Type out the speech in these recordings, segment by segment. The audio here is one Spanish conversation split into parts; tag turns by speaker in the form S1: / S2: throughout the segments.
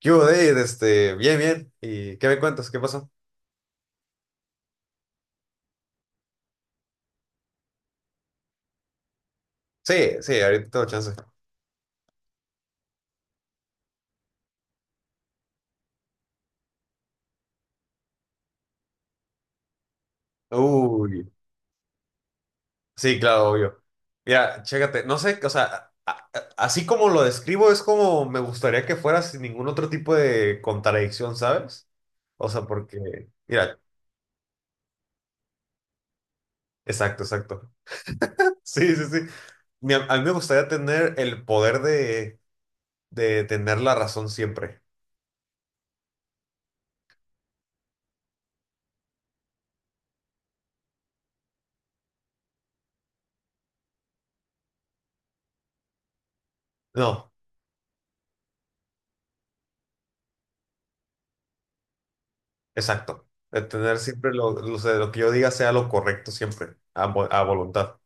S1: ¿Qué hubo, David? Bien, bien. ¿Y qué me cuentas? ¿Qué pasó? Sí, sí, ahorita tengo chance. Uy, sí, claro, obvio. Mira, chécate, no sé, o sea, así como lo describo, es como me gustaría que fuera sin ningún otro tipo de contradicción, ¿sabes? O sea, porque, mira, exacto, exacto. Sí, sí, sí. A mí me gustaría tener el poder de tener la razón siempre. No, exacto. De tener siempre o sea, lo que yo diga sea lo correcto siempre, a voluntad.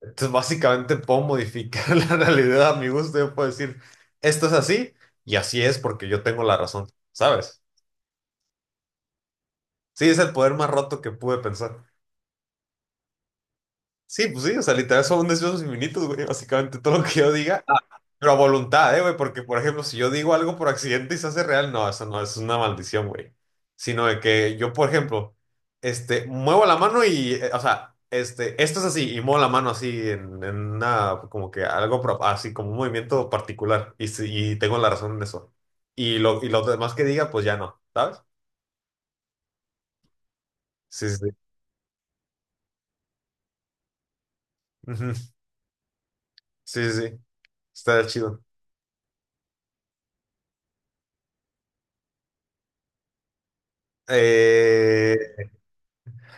S1: Entonces, básicamente puedo modificar la realidad a mi gusto. Yo puedo decir, esto es así y así es porque yo tengo la razón, ¿sabes? Sí, es el poder más roto que pude pensar. Sí, pues sí, o sea, literal son deseos infinitos, güey, básicamente todo lo que yo diga. Ah, pero a voluntad, ¿eh, güey? Porque, por ejemplo, si yo digo algo por accidente y se hace real, no, eso no, eso es una maldición, güey. Sino de que yo, por ejemplo, muevo la mano y, o sea, esto es así, y muevo la mano así en una, como que algo, así como un movimiento particular, y, y tengo la razón en eso. Y lo demás que diga, pues ya no, ¿sabes? Sí, sí, sí. Ujú. Sí, sí, sí, está chido. Eh...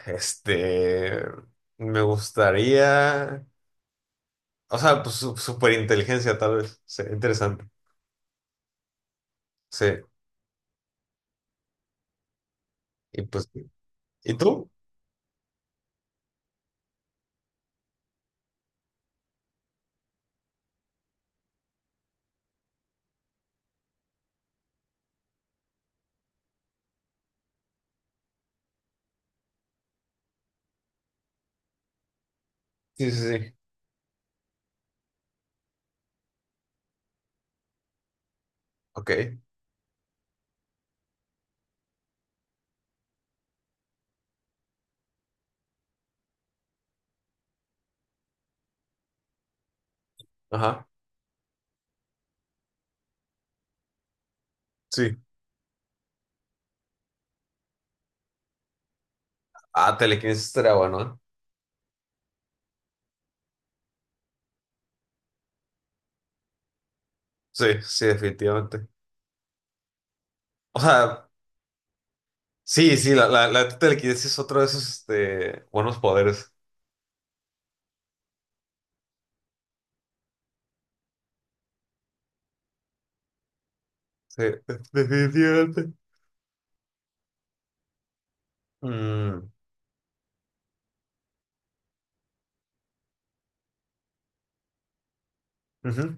S1: Este, me gustaría, o sea, pues superinteligencia tal vez, sería interesante. Sí, y pues, ¿y tú? Sí, sí, sí. Ok, ajá, sí. Ah, telequinesis estaría bueno, ¿eh? Sí, sí, definitivamente. O sea, sí, sí, la telequinesis es otro de esos, buenos poderes. Sí, definitivamente. Mm, ujú.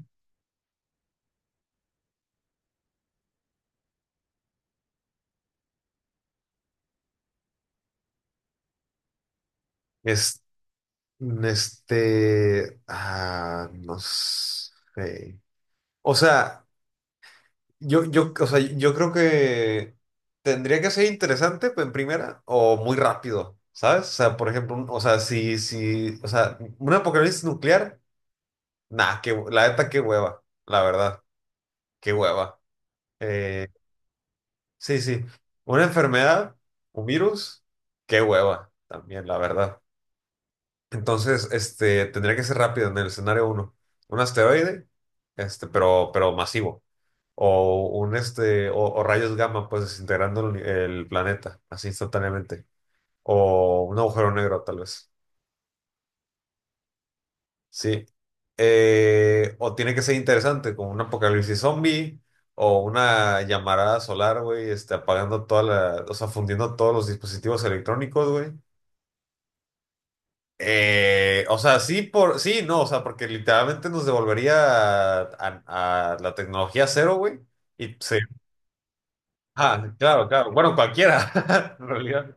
S1: Es- no sé. O sea... o sea, yo creo que tendría que ser interesante pues, en primera o muy rápido, ¿sabes? O sea, por ejemplo, o sea, si, si, o sea, un apocalipsis nuclear, nah, que, la neta, qué hueva, la verdad, qué hueva. Eh, sí, sí, una enfermedad, un virus, qué hueva, también, la verdad. Entonces, tendría que ser rápido en el escenario uno. Un asteroide, pero masivo. O un o rayos gamma, pues desintegrando el planeta, así instantáneamente. O un agujero negro, tal vez. Sí. O tiene que ser interesante, como un apocalipsis zombie, o una llamarada solar, güey, apagando toda la, o sea, fundiendo todos los dispositivos electrónicos, güey. O sea, sí, sí, no, o sea, porque literalmente nos devolvería a la tecnología cero, güey. Y sí, claro, claro. Bueno, cualquiera, en realidad.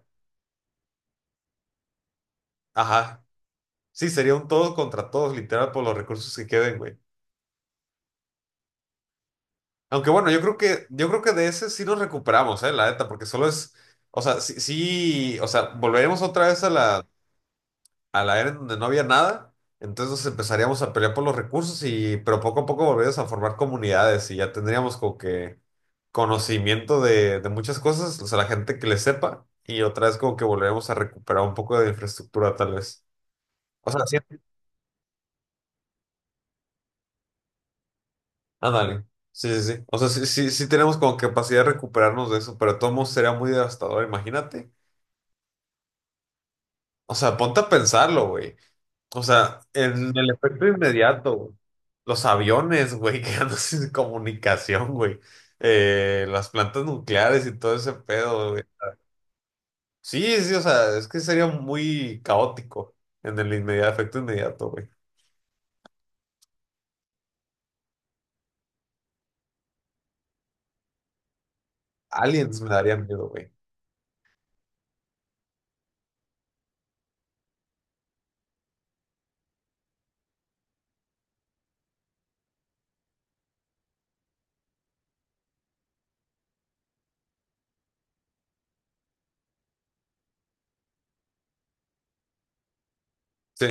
S1: Ajá. Sí, sería un todos contra todos, literal, por los recursos que queden, güey. Aunque bueno, yo creo que de ese sí nos recuperamos, la neta, porque solo es, o sea, sí, sí, o sea, volveremos otra vez a la era en donde no había nada, entonces nos empezaríamos a pelear por los recursos y, pero poco a poco volveríamos a formar comunidades y ya tendríamos como que conocimiento de muchas cosas, o sea, la gente que le sepa y otra vez como que volveremos a recuperar un poco de infraestructura tal vez. O sea, sí. Ándale. Sí, sí, sí. O sea, sí, sí, sí tenemos como capacidad de recuperarnos de eso, pero de todos modos sería muy devastador, imagínate. O sea, ponte a pensarlo, güey. O sea, en el efecto inmediato, güey. Los aviones, güey, quedando sin comunicación, güey. Las plantas nucleares y todo ese pedo, güey. Sí, sí, o sea, es que sería muy caótico en el inmediato, efecto inmediato, güey. Aliens me daría miedo, güey. Sí.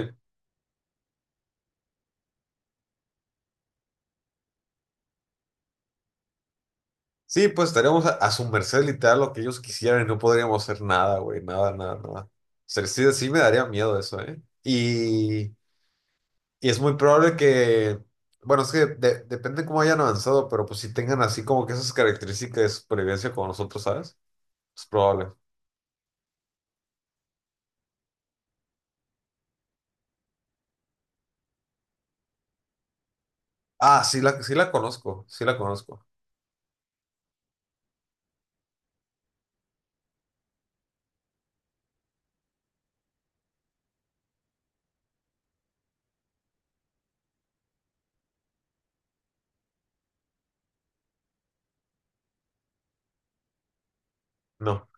S1: Sí, pues estaríamos a su merced literal lo que ellos quisieran y no podríamos hacer nada, güey. Nada, nada, nada. O sea, sí, sí me daría miedo eso, ¿eh? Y. Y es muy probable que, bueno, es que depende cómo hayan avanzado, pero pues si tengan así como que esas características de supervivencia como nosotros, ¿sabes? Es probable. Ah, sí sí la conozco, sí la conozco. No.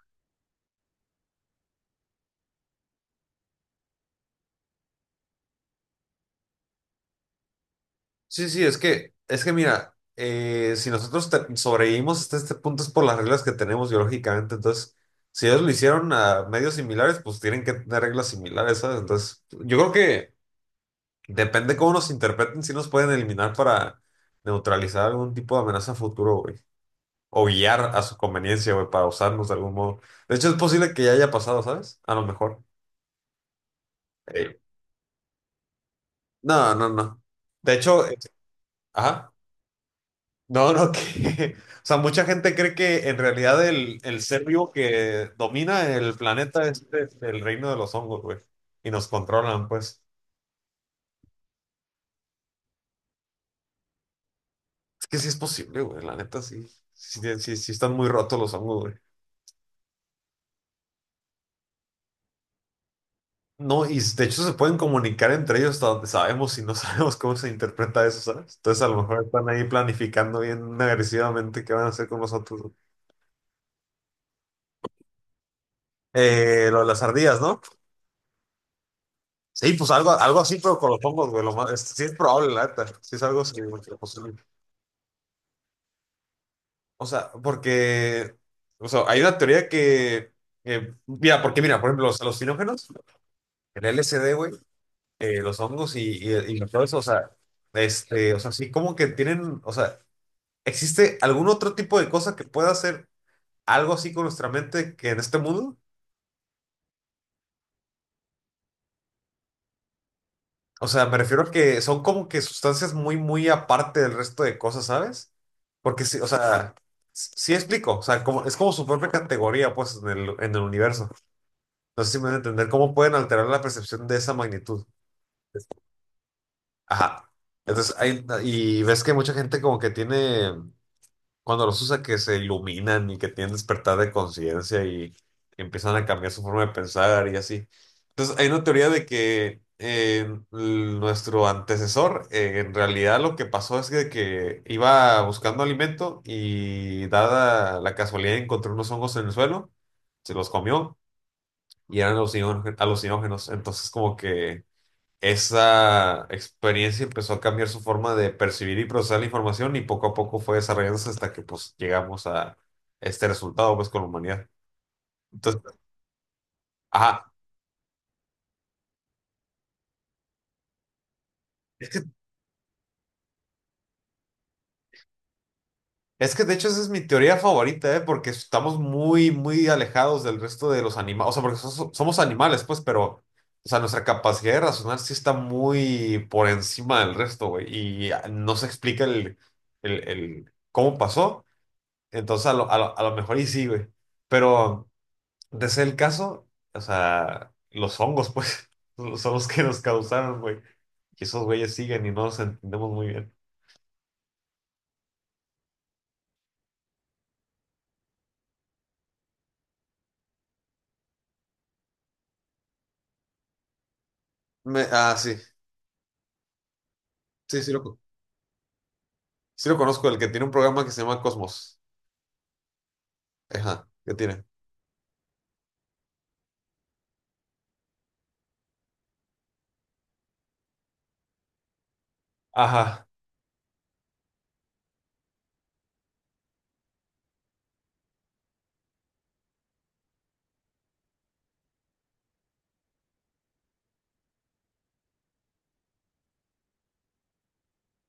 S1: Sí, sí, es que mira, si nosotros sobrevivimos hasta este punto es por las reglas que tenemos biológicamente, entonces, si ellos lo hicieron a medios similares, pues tienen que tener reglas similares, ¿sabes? Entonces, yo creo que depende cómo nos interpreten, si nos pueden eliminar para neutralizar algún tipo de amenaza a futuro, güey, o guiar a su conveniencia, güey, para usarlos de algún modo. De hecho, es posible que ya haya pasado, ¿sabes? A lo mejor. Eh, no, no, no. De hecho, ajá. No, no, que. O sea, mucha gente cree que en realidad el ser vivo que domina el planeta es el reino de los hongos, güey. Y nos controlan, pues. Es que sí es posible, güey. La neta, sí. Sí, sí, sí, sí están muy rotos los hongos, güey. No, y de hecho se pueden comunicar entre ellos hasta donde sabemos y no sabemos cómo se interpreta eso, ¿sabes? Entonces a lo mejor están ahí planificando bien agresivamente qué van a hacer con nosotros, ¿no? Lo de las ardillas, ¿no? Sí, pues algo, algo así, pero con los hongos, güey. Lo más, sí es probable, la neta. Sí es algo así, güey, que posible. O sea, porque... O sea, hay una teoría que... mira, porque mira, por ejemplo, los alucinógenos, el LSD, güey, los hongos y todo eso, o sea, o sea, sí como que tienen, o sea... ¿Existe algún otro tipo de cosa que pueda hacer algo así con nuestra mente que en este mundo? O sea, me refiero a que son como que sustancias muy, muy aparte del resto de cosas, ¿sabes? Porque sí, o sea, sí explico, o sea, como, es como su propia categoría, pues, en el universo. No sé si me van a entender cómo pueden alterar la percepción de esa magnitud. Ajá. Entonces, hay, y ves que mucha gente como que tiene, cuando los usa, que se iluminan y que tienen despertar de conciencia y empiezan a cambiar su forma de pensar y así. Entonces, hay una teoría de que nuestro antecesor, en realidad lo que pasó es que iba buscando alimento y dada la casualidad encontró unos hongos en el suelo, se los comió y eran alucinógenos. Entonces, como que esa experiencia empezó a cambiar su forma de percibir y procesar la información y poco a poco fue desarrollándose hasta que pues llegamos a este resultado pues con la humanidad. Entonces, ajá, es que, es que de hecho esa es mi teoría favorita, ¿eh? Porque estamos muy, muy alejados del resto de los animales, o sea, porque somos animales pues, pero, o sea, nuestra capacidad de razonar sí está muy por encima del resto, güey, y no se explica el cómo pasó. Entonces, a lo mejor y sí, güey. Pero... de ser el caso, o sea, los hongos, pues, son los que nos causaron, güey. Y esos güeyes siguen y no los entendemos muy bien. Sí, sí, sí lo conozco, el que tiene un programa que se llama Cosmos. Ajá, ¿qué tiene? Ajá,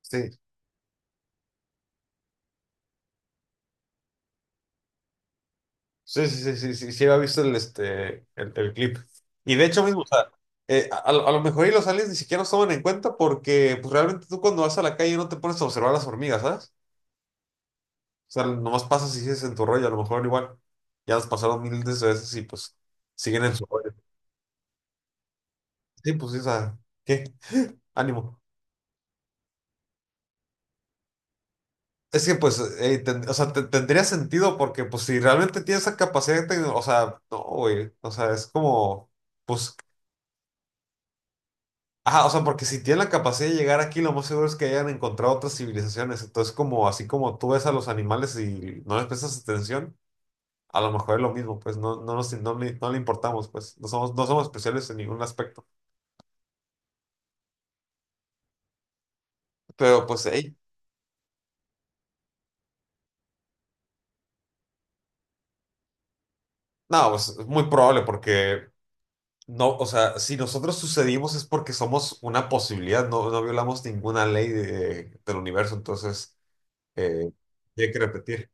S1: sí. Sí, sí, sí, sí, sí, sí, había visto el clip. Y de hecho mismo, o sea, a lo mejor y los aliens ni siquiera nos toman en cuenta porque pues, realmente tú cuando vas a la calle no te pones a observar las hormigas, ¿sabes? O sea, nomás pasas y sigues en tu rollo, a lo mejor igual. Ya las pasaron miles de veces y pues siguen en su rollo. Sí, pues sí, o sea, ¿qué? Ánimo. Es que pues, o sea, tendría sentido porque pues si realmente tienes esa capacidad, de o sea, no, güey, o sea, es como, pues, ajá, o sea, porque si tienen la capacidad de llegar aquí, lo más seguro es que hayan encontrado otras civilizaciones. Entonces, como así como tú ves a los animales y no les prestas atención, a lo mejor es lo mismo, pues no, no, nos, no, no le importamos, pues no somos, no somos especiales en ningún aspecto. Pero pues, hey, no, pues es muy probable porque no, o sea, si nosotros sucedimos es porque somos una posibilidad, no, no violamos ninguna ley del universo, entonces eh, hay que repetir.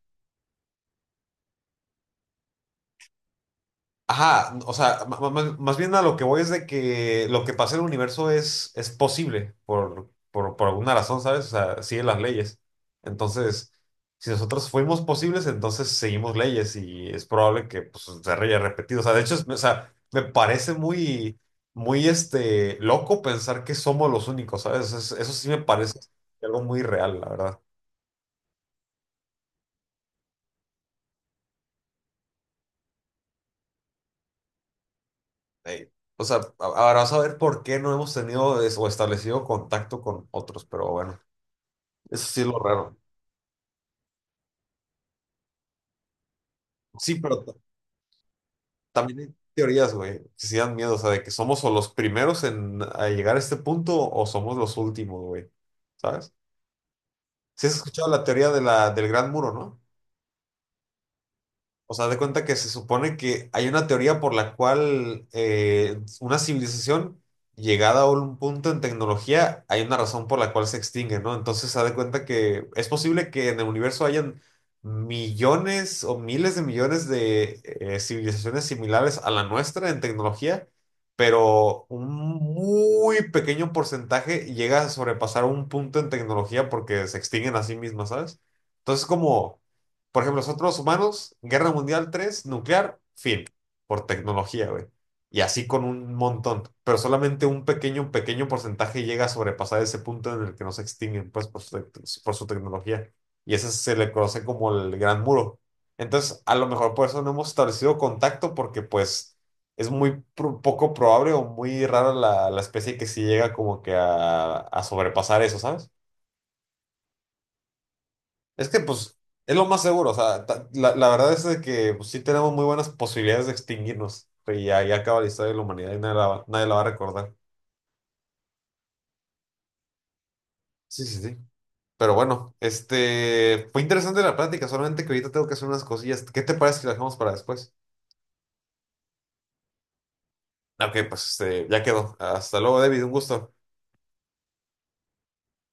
S1: Ajá, o sea, más bien a lo que voy es de que lo que pasa en el universo es posible por alguna razón, ¿sabes? O sea, sigue las leyes. Entonces, si nosotros fuimos posibles, entonces seguimos leyes y es probable que pues, se haya repetido. O sea, de hecho, o sea, me parece muy, muy loco pensar que somos los únicos, ¿sabes? Eso, sí me parece algo muy real, la verdad. Ey. O sea, ahora vas a ver por qué no hemos tenido o establecido contacto con otros, pero bueno. Eso sí es lo raro. Sí, pero también hay teorías, güey, que sí dan miedo, o sea, de que somos o los primeros en a llegar a este punto o somos los últimos, güey. ¿Sabes? Sí has escuchado la teoría del Gran Muro, ¿no? O sea, de cuenta que se supone que hay una teoría por la cual una civilización llegada a un punto en tecnología, hay una razón por la cual se extingue, ¿no? Entonces se da de cuenta que es posible que en el universo hayan millones o miles de millones de civilizaciones similares a la nuestra en tecnología, pero un muy pequeño porcentaje llega a sobrepasar un punto en tecnología porque se extinguen a sí mismas, ¿sabes? Entonces como por ejemplo, nosotros humanos, Guerra Mundial III nuclear, fin, por tecnología, güey. Y así con un montón, pero solamente un pequeño, pequeño porcentaje llega a sobrepasar ese punto en el que no se extinguen, pues, por su tecnología. Y ese se le conoce como el Gran Muro. Entonces, a lo mejor por eso no hemos establecido contacto, porque pues es muy poco probable o muy rara la especie que sí llega como que a sobrepasar eso, ¿sabes? Es que, pues, es lo más seguro. O sea, la verdad es de que pues, sí tenemos muy buenas posibilidades de extinguirnos. Y ahí acaba la historia de la humanidad y nadie la va a recordar. Sí, sí, sí. Pero bueno, fue interesante la plática, solamente que ahorita tengo que hacer unas cosillas. ¿Qué te parece si la dejamos para después? Ok, pues, ya quedó. Hasta luego, David. Un gusto.